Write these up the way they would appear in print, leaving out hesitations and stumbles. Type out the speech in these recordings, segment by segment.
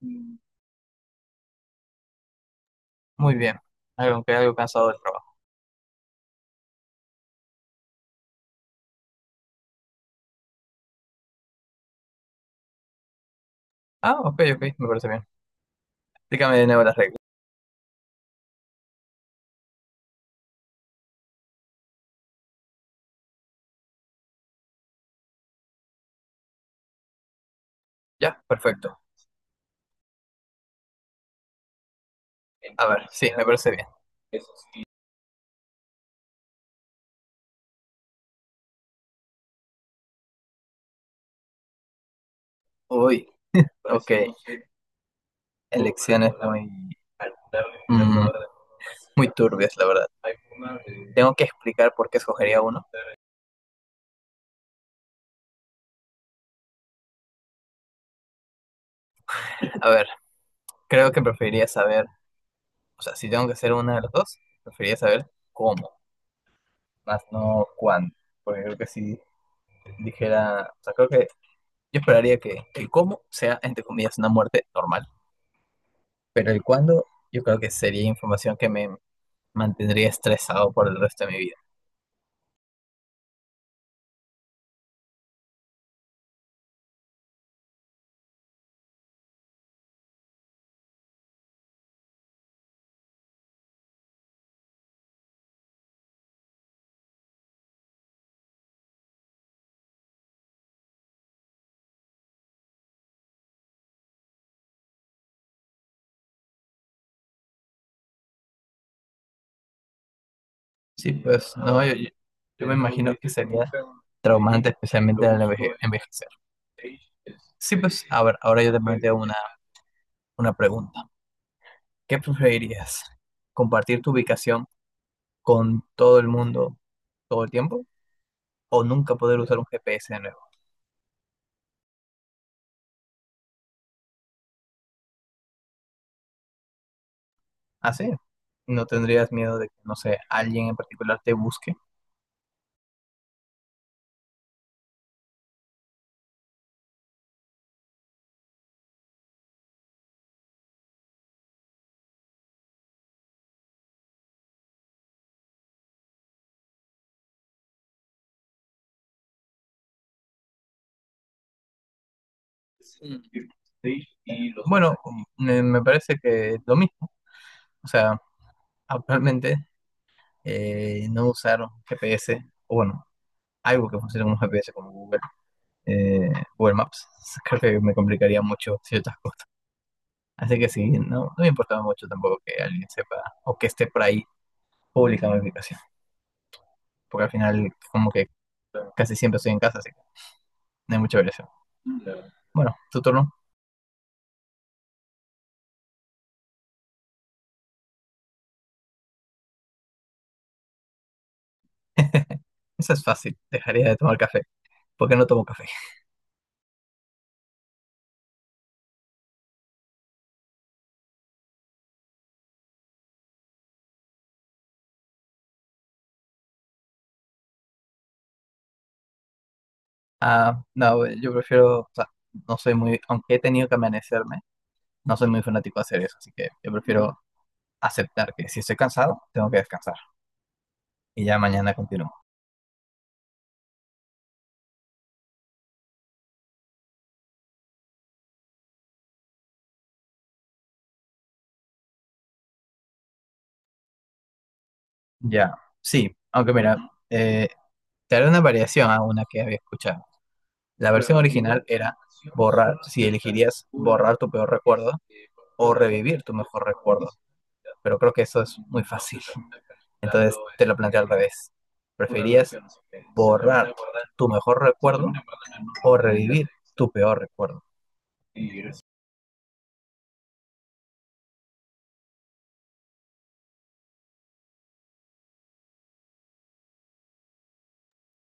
Muy bien. Algo, aunque algo cansado del trabajo. Ah, ok, ok, me parece bien. Explícame de nuevo las reglas. Ya, perfecto. A ver, sí, me parece bien. Uy, ok. Elecciones muy, mm, muy turbias, la verdad. Tengo que explicar por qué escogería uno. A ver, creo que preferiría saber, o sea, si tengo que hacer una de las dos, preferiría saber cómo, más no cuándo. Porque creo que si dijera, o sea, creo que yo esperaría que el cómo sea, entre comillas, una muerte normal, pero el cuándo yo creo que sería información que me mantendría estresado por el resto de mi vida. Sí, pues no, yo me imagino que sería traumante, especialmente al envejecer. Sí, pues a ver, ahora yo te planteo una pregunta. ¿Qué preferirías? ¿Compartir tu ubicación con todo el mundo todo el tiempo o nunca poder usar un GPS de nuevo? Así, ¿no tendrías miedo de que, no sé, alguien en particular te busque? Sí. Bueno, me parece que lo mismo. O sea, actualmente no usar GPS, o bueno, algo que funcione como GPS, como Google, eh, Google Maps, creo que me complicaría mucho ciertas cosas. Así que sí, no, no me importaba mucho tampoco que alguien sepa o que esté por ahí pública mi ubicación, porque al final como que casi siempre estoy en casa, así que no hay mucha variación. Bueno, tu turno. Eso es fácil, dejaría de tomar café, porque no tomo café. Ah, no, yo prefiero, o sea, no soy muy, aunque he tenido que amanecerme, no soy muy fanático de hacer eso, así que yo prefiero aceptar que si estoy cansado, tengo que descansar y ya mañana continúo. Ya, sí, aunque mira, eh, te haré una variación a una que había escuchado. La versión original era borrar, si elegirías borrar tu peor recuerdo o revivir tu mejor recuerdo, pero creo que eso es muy fácil. Entonces te lo planteo al revés. ¿Preferías borrar tu mejor recuerdo o revivir tu peor recuerdo?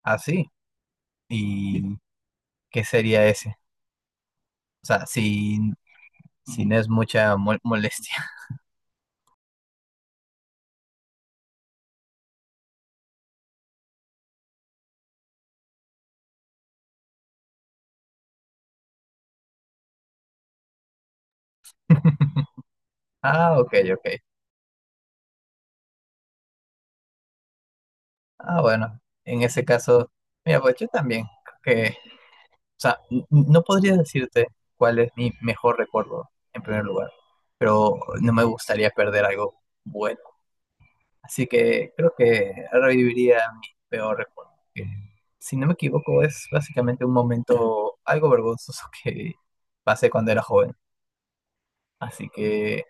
Así. ¿Y qué sería ese? O sea, sin es mucha molestia. Ah, ok, ok. Ah, bueno. En ese caso, mira, pues yo también creo que, o sea, no podría decirte cuál es mi mejor recuerdo, en primer lugar, pero no me gustaría perder algo bueno. Así que creo que reviviría mi peor recuerdo, que, si no me equivoco, es básicamente un momento algo vergonzoso que pasé cuando era joven. Así que,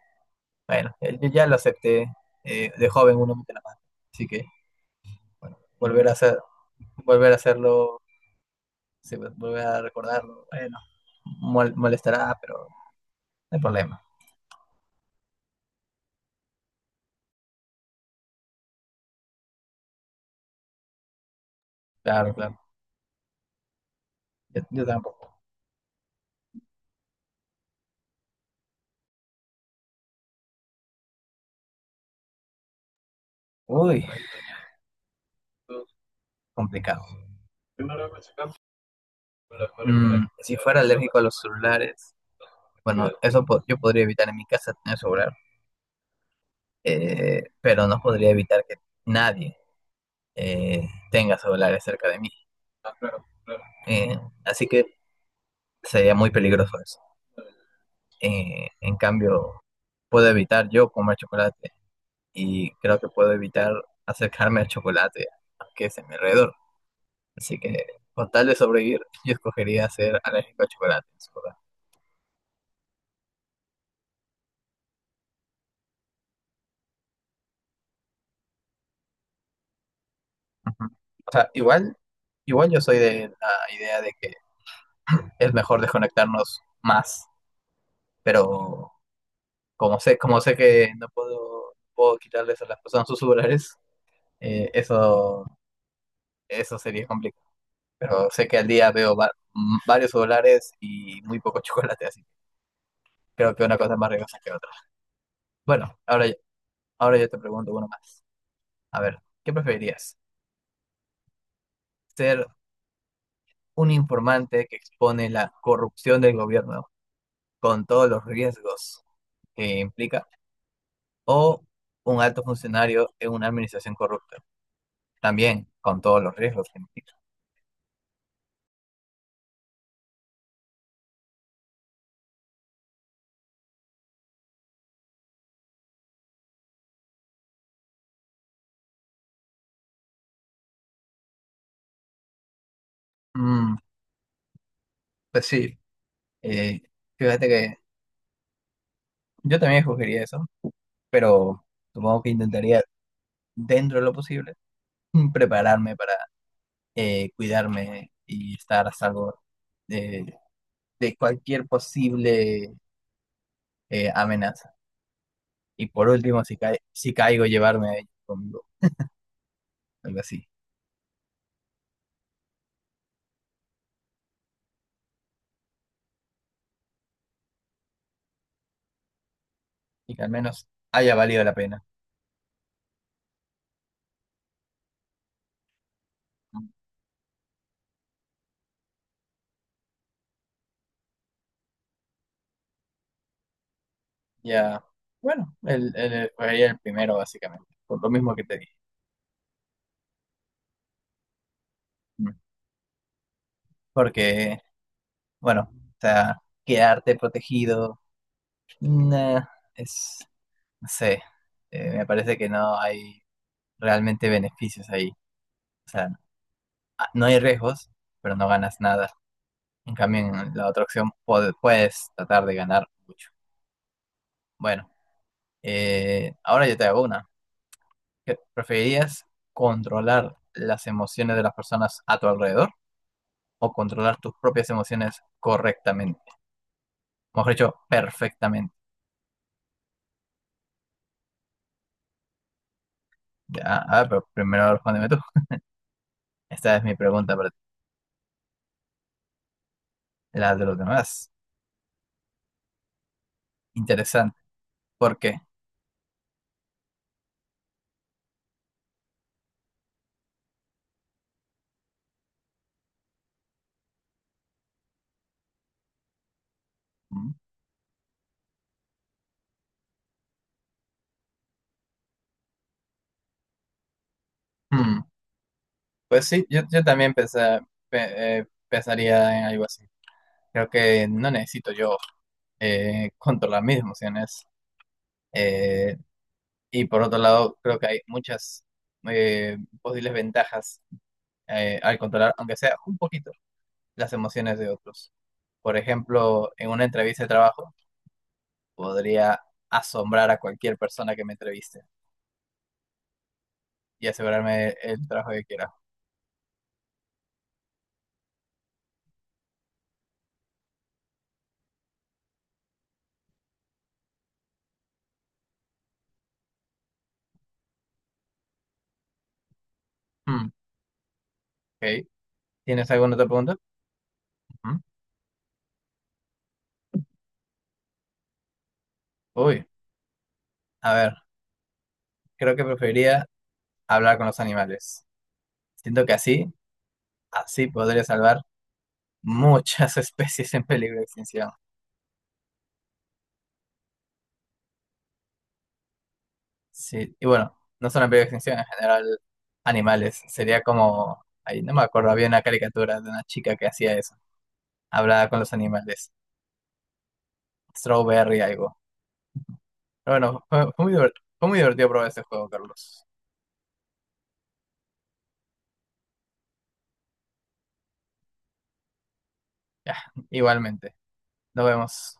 bueno, yo ya lo acepté. De joven uno mete la mano. Así que, bueno, volver a hacerlo, sí, pues, volver a recordarlo, bueno, molestará, pero no hay problema. Claro, claro. Yo tampoco. Uy, complicado. Mm, si fuera alérgico a los celulares, bueno, eso yo podría evitar en mi casa tener celular, pero no podría evitar que nadie tenga celulares cerca de mí. Eh, así que sería muy peligroso eso. En cambio, puedo evitar yo comer chocolate y creo que puedo evitar acercarme al chocolate que es a mi alrededor. Así que, con tal de sobrevivir, yo escogería ser alérgico al chocolate en su lugar. Ujú. O sea, igual, igual yo soy de la idea de que es mejor desconectarnos más, pero como sé, como sé que no puedo, quitarles a las personas sus celulares, eso, eso sería complicado. Pero sé que al día veo varios celulares y muy poco chocolate, así que creo que una cosa es más riesgosa que otra. Bueno, ahora, ahora yo te pregunto uno más. A ver, ¿qué preferirías? ¿Ser un informante que expone la corrupción del gobierno con todos los riesgos que implica? ¿O un alto funcionario en una administración corrupta? También con todos los riesgos que implica. Mm, Pues sí, eh, fíjate que yo también escogería eso, pero supongo que intentaría, dentro de lo posible, prepararme para cuidarme y estar a salvo de, de cualquier posible amenaza. Y por último, si, si caigo, llevarme a ellos conmigo, algo así. Y que al menos haya valido la pena. Mm, Ya, bueno, escogería el primero, básicamente, por lo mismo que te dije. Mm. Porque, bueno, o sea, quedarte protegido. Nah, es, no sé, me parece que no hay realmente beneficios ahí. O sea, ah, no hay riesgos, pero no ganas nada. En cambio, en la otra opción puedes tratar de ganar mucho. Bueno, ahora yo te hago una. ¿Preferirías controlar las emociones de las personas a tu alrededor o controlar tus propias emociones correctamente? Mejor dicho, perfectamente. Ya, a ver, pero primero respóndeme tú. Esta es mi pregunta para ti. La de los demás. Interesante. ¿Por qué? Mm. Mm. Pues sí, yo también pensaría en algo así. Creo que no necesito yo controlar mis emociones. Eh, y por otro lado, creo que hay muchas posibles ventajas al controlar, aunque sea un poquito, las emociones de otros. Por ejemplo, en una entrevista de trabajo, podría asombrar a cualquier persona que me entreviste y asegurarme el trabajo que quiera. Mm. Ok. ¿Tienes alguna otra pregunta? Ujú. Uy, a ver. Creo que preferiría hablar con los animales. Siento que así, así podría salvar muchas especies en peligro de extinción. Sí, y bueno, no solo en peligro de extinción, en general, animales. Sería como, ahí no me acuerdo, había una caricatura de una chica que hacía eso. Hablaba con los animales. Strawberry algo. Pero bueno, fue muy, fue muy divertido probar este juego, Carlos. Ya, igualmente. Nos vemos.